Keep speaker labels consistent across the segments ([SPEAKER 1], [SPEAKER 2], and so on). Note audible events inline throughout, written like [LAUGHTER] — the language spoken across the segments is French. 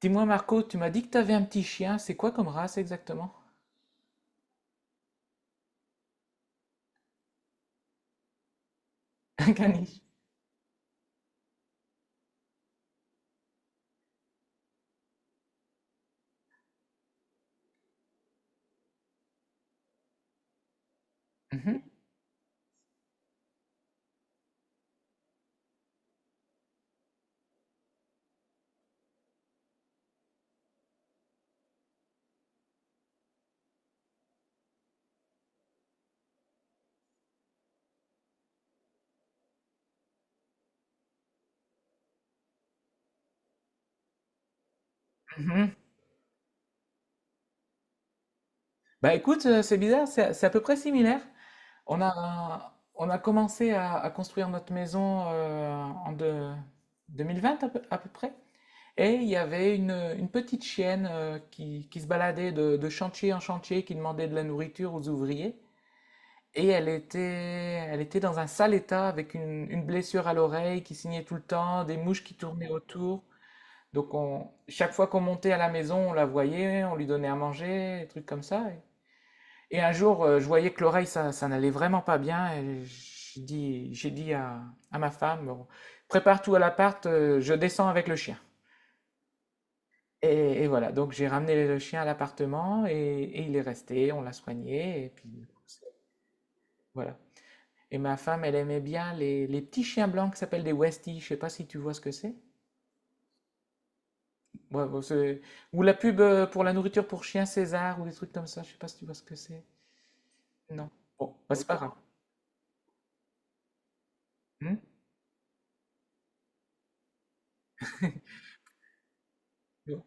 [SPEAKER 1] Dis-moi Marco, tu m'as dit que tu avais un petit chien, c'est quoi comme race exactement? [LAUGHS] Un caniche. Mhm, mhm. Bah écoute, c'est bizarre, c'est à peu près similaire. On a commencé à construire notre maison en de- 2020 à peu près. Et il y avait une petite chienne qui se baladait de chantier en chantier, qui demandait de la nourriture aux ouvriers. Et elle était dans un sale état avec une blessure à l'oreille qui signait tout le temps, des mouches qui tournaient autour. Chaque fois qu'on montait à la maison, on la voyait, on lui donnait à manger, des trucs comme ça. Et un jour, je voyais que l'oreille, ça n'allait vraiment pas bien. Et j'ai dit à ma femme: «Bon, prépare tout à l'appart, je descends avec le chien.» Et voilà, donc j'ai ramené le chien à l'appartement et il est resté, on l'a soigné. Et puis voilà. Et ma femme, elle aimait bien les petits chiens blancs qui s'appellent des Westies. Je ne sais pas si tu vois ce que c'est. Ouais, bon, ou la pub pour la nourriture pour chien César ou des trucs comme ça, je sais pas si tu vois ce que c'est. Non. Bon, bah, c'est pas grave. Hmm. [LAUGHS] Ouais.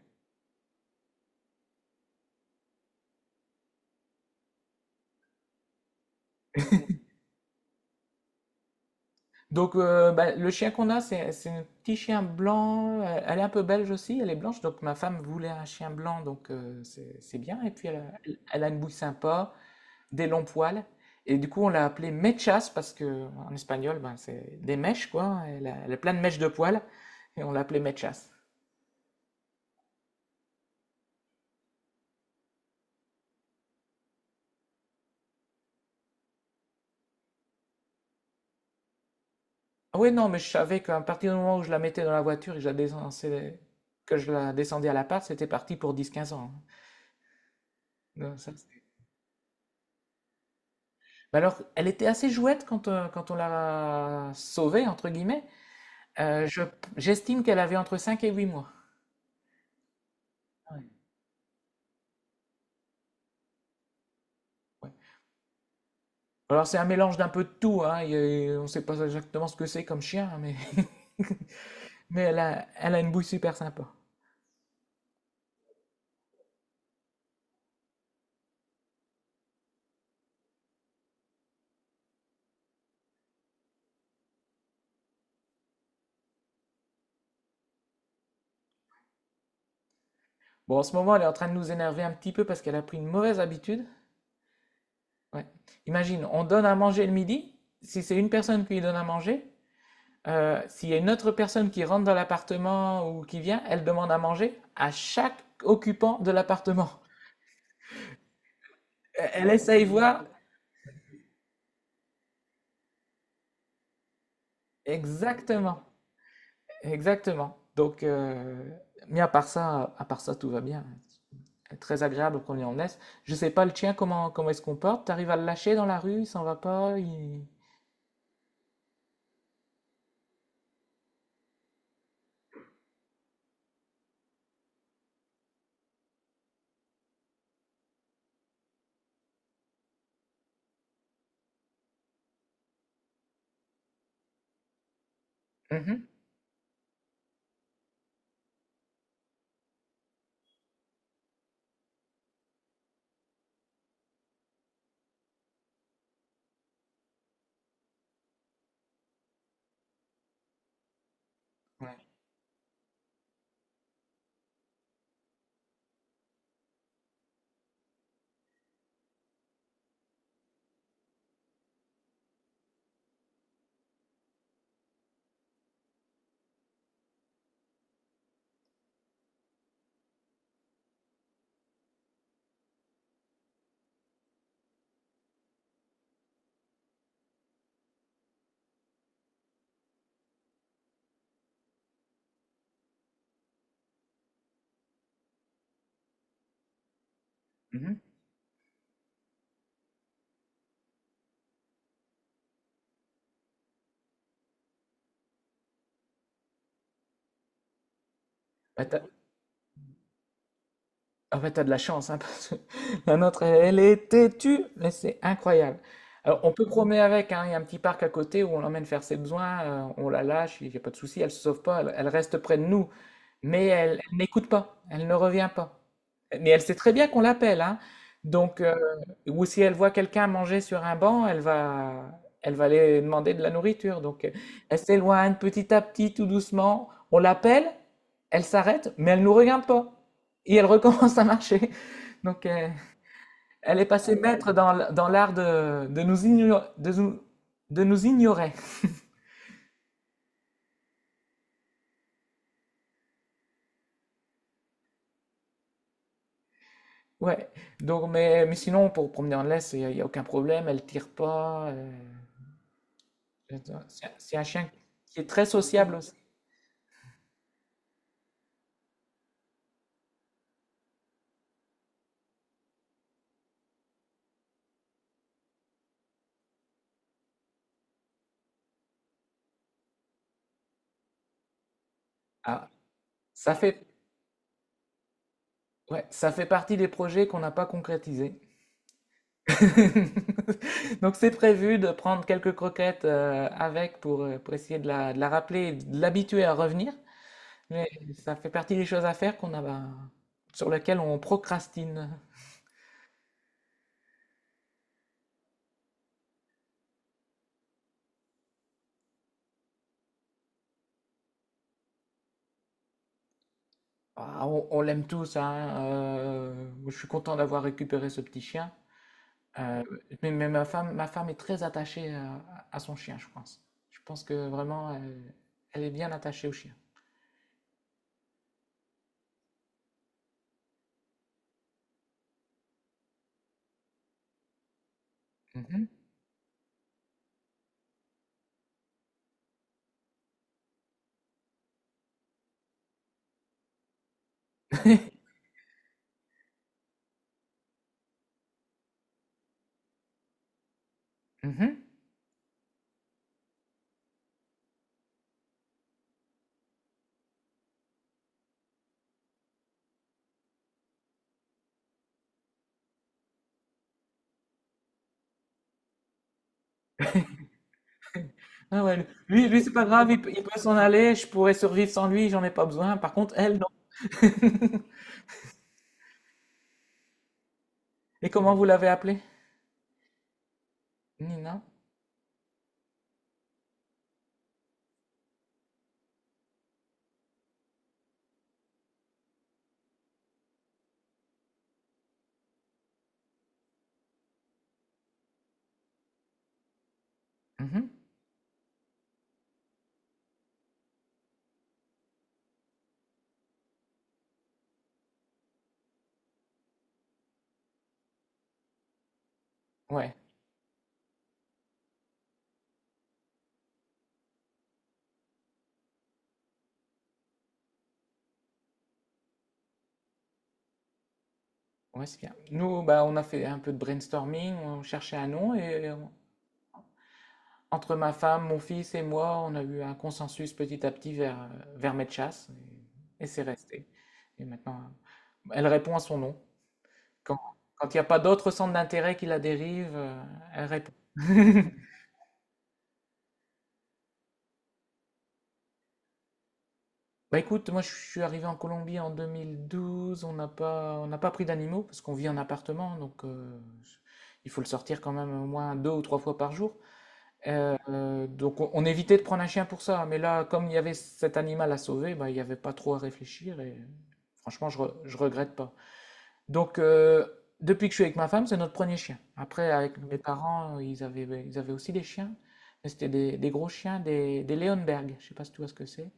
[SPEAKER 1] Donc, bah, le chien qu'on a, c'est un petit chien blanc. Elle est un peu belge aussi, elle est blanche. Donc, ma femme voulait un chien blanc, donc c'est bien. Et puis, elle a une bouille sympa, des longs poils. Et du coup, on l'a appelée Mechas parce que en espagnol, ben, c'est des mèches, quoi. Elle a plein de mèches de poils. Et on l'a appelée Mechas. Ah ouais, non, mais je savais qu'à partir du moment où je la mettais dans la voiture et que je la descendais, à l'appart, c'était parti pour 10 15 ans, hein. Donc ça, c'est- Mais alors, elle était assez jouette quand, quand on l'a sauvée, entre guillemets. Euh, je- J'estime qu'elle avait entre 5 et 8 mois. Ouais, ouais. Alors, c'est un mélange d'un peu de tout, hein. On ne sait pas exactement ce que c'est comme chien, hein, mais... [LAUGHS] Mais elle a une bouille super sympa. Bon, en ce moment, elle est en train de nous énerver un petit peu parce qu'elle a pris une mauvaise habitude. Ouais. Imagine, on donne à manger le midi. Si c'est une personne qui lui donne à manger, s'il y a une autre personne qui rentre dans l'appartement ou qui vient, elle demande à manger à chaque occupant de l'appartement. Elle essaye voir. Exactement. Exactement. Donc, mais à part ça, tout va bien. Très agréable qu'on lui en laisse. Je sais pas le tien, comment il se comporte. T'arrives à le lâcher dans la rue, il s'en va pas, il... Mhm. Ouais. Mhm. Bah, t'as... Ah bah, t'as de la chance, hein, parce que [LAUGHS] la nôtre, elle est têtue, mais c'est incroyable. Alors, on peut promener avec, hein, il y a un petit parc à côté où on l'emmène faire ses besoins, on la lâche, il n'y a pas de souci, elle se sauve pas, elle reste près de nous. Mais elle n'écoute pas, elle ne revient pas. Mais elle sait très bien qu'on l'appelle, hein. Donc, ou si elle voit quelqu'un manger sur un banc, elle va aller demander de la nourriture. Donc, elle s'éloigne petit à petit, tout doucement. On l'appelle, elle s'arrête, mais elle nous regarde pas et elle [LAUGHS] recommence à marcher. Donc, elle est passée maître dans l'art de nous ignorer. Ouais, donc mais sinon pour promener en laisse, il y a aucun problème, elle tire pas. C'est un chien qui est très sociable aussi. Ah, ça fait, ouais, ça fait partie des projets qu'on n'a pas concrétisés. [LAUGHS] Donc c'est prévu de prendre quelques croquettes avec pour essayer de la rappeler, et de l'habituer à revenir. Mais ça fait partie des choses à faire qu'on a, bah, sur lesquelles on procrastine. Ah, on l'aime tous, hein, je suis content d'avoir récupéré ce petit chien. Euh, mais ma femme est très attachée à son chien, je pense. Je pense que vraiment, elle est bien attachée au chien. Mhm. [LAUGHS] Mhm. Ah ouais, lui c'est pas grave, il peut s'en aller, je pourrais survivre sans lui, j'en ai pas besoin. Par contre, elle, non. Et comment vous l'avez appelée? Nina? Mhm. Ouais, ouais, c'est bien. Nous, bah, on a fait un peu de brainstorming, on cherchait un nom entre ma femme, mon fils et moi, on a eu un consensus petit à petit vers, vers Medchas, et c'est resté. Et maintenant, elle répond à son nom. Quand, quand il n'y a pas d'autres centres d'intérêt qui la dérivent, elle répond. [LAUGHS] Bah écoute, moi je suis arrivé en Colombie en 2012, on n'a pas pris d'animaux parce qu'on vit en appartement, donc il faut le sortir quand même au moins deux ou trois fois par jour. Donc on évitait de prendre un chien pour ça, hein. Mais là, comme il y avait cet animal à sauver, bah, il n'y avait pas trop à réfléchir et franchement, je regrette pas. Donc depuis que je suis avec ma femme, c'est notre premier chien. Après, avec mes parents, ils avaient aussi des chiens, mais c'était des gros chiens, des Leonberg. Je sais pas si tu vois ce que c'est.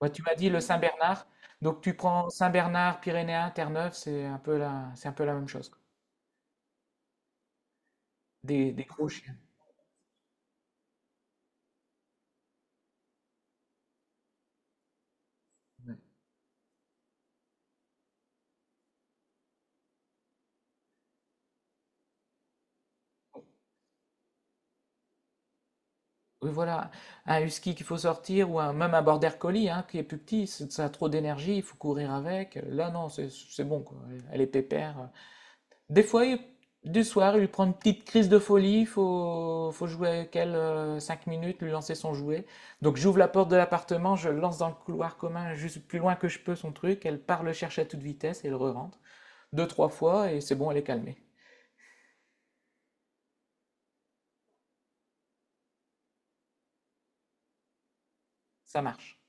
[SPEAKER 1] Ouais, tu m'as dit le Saint-Bernard. Donc tu prends Saint-Bernard, Pyrénéen, Terre-Neuve, c'est un peu la même chose, quoi. Des gros chiens. Ouais. Oui, voilà, un husky qu'il faut sortir ou même un border collie hein, qui est plus petit, ça a trop d'énergie, il faut courir avec. Là, non, c'est bon, quoi. Elle est pépère. Des fois, du soir, il lui prend une petite crise de folie, il faut jouer avec elle 5 minutes, lui lancer son jouet. Donc, j'ouvre la porte de l'appartement, je lance dans le couloir commun, juste plus loin que je peux son truc, elle part le chercher à toute vitesse et elle re-rentre. Deux, trois fois, et c'est bon, elle est calmée. Ça marche.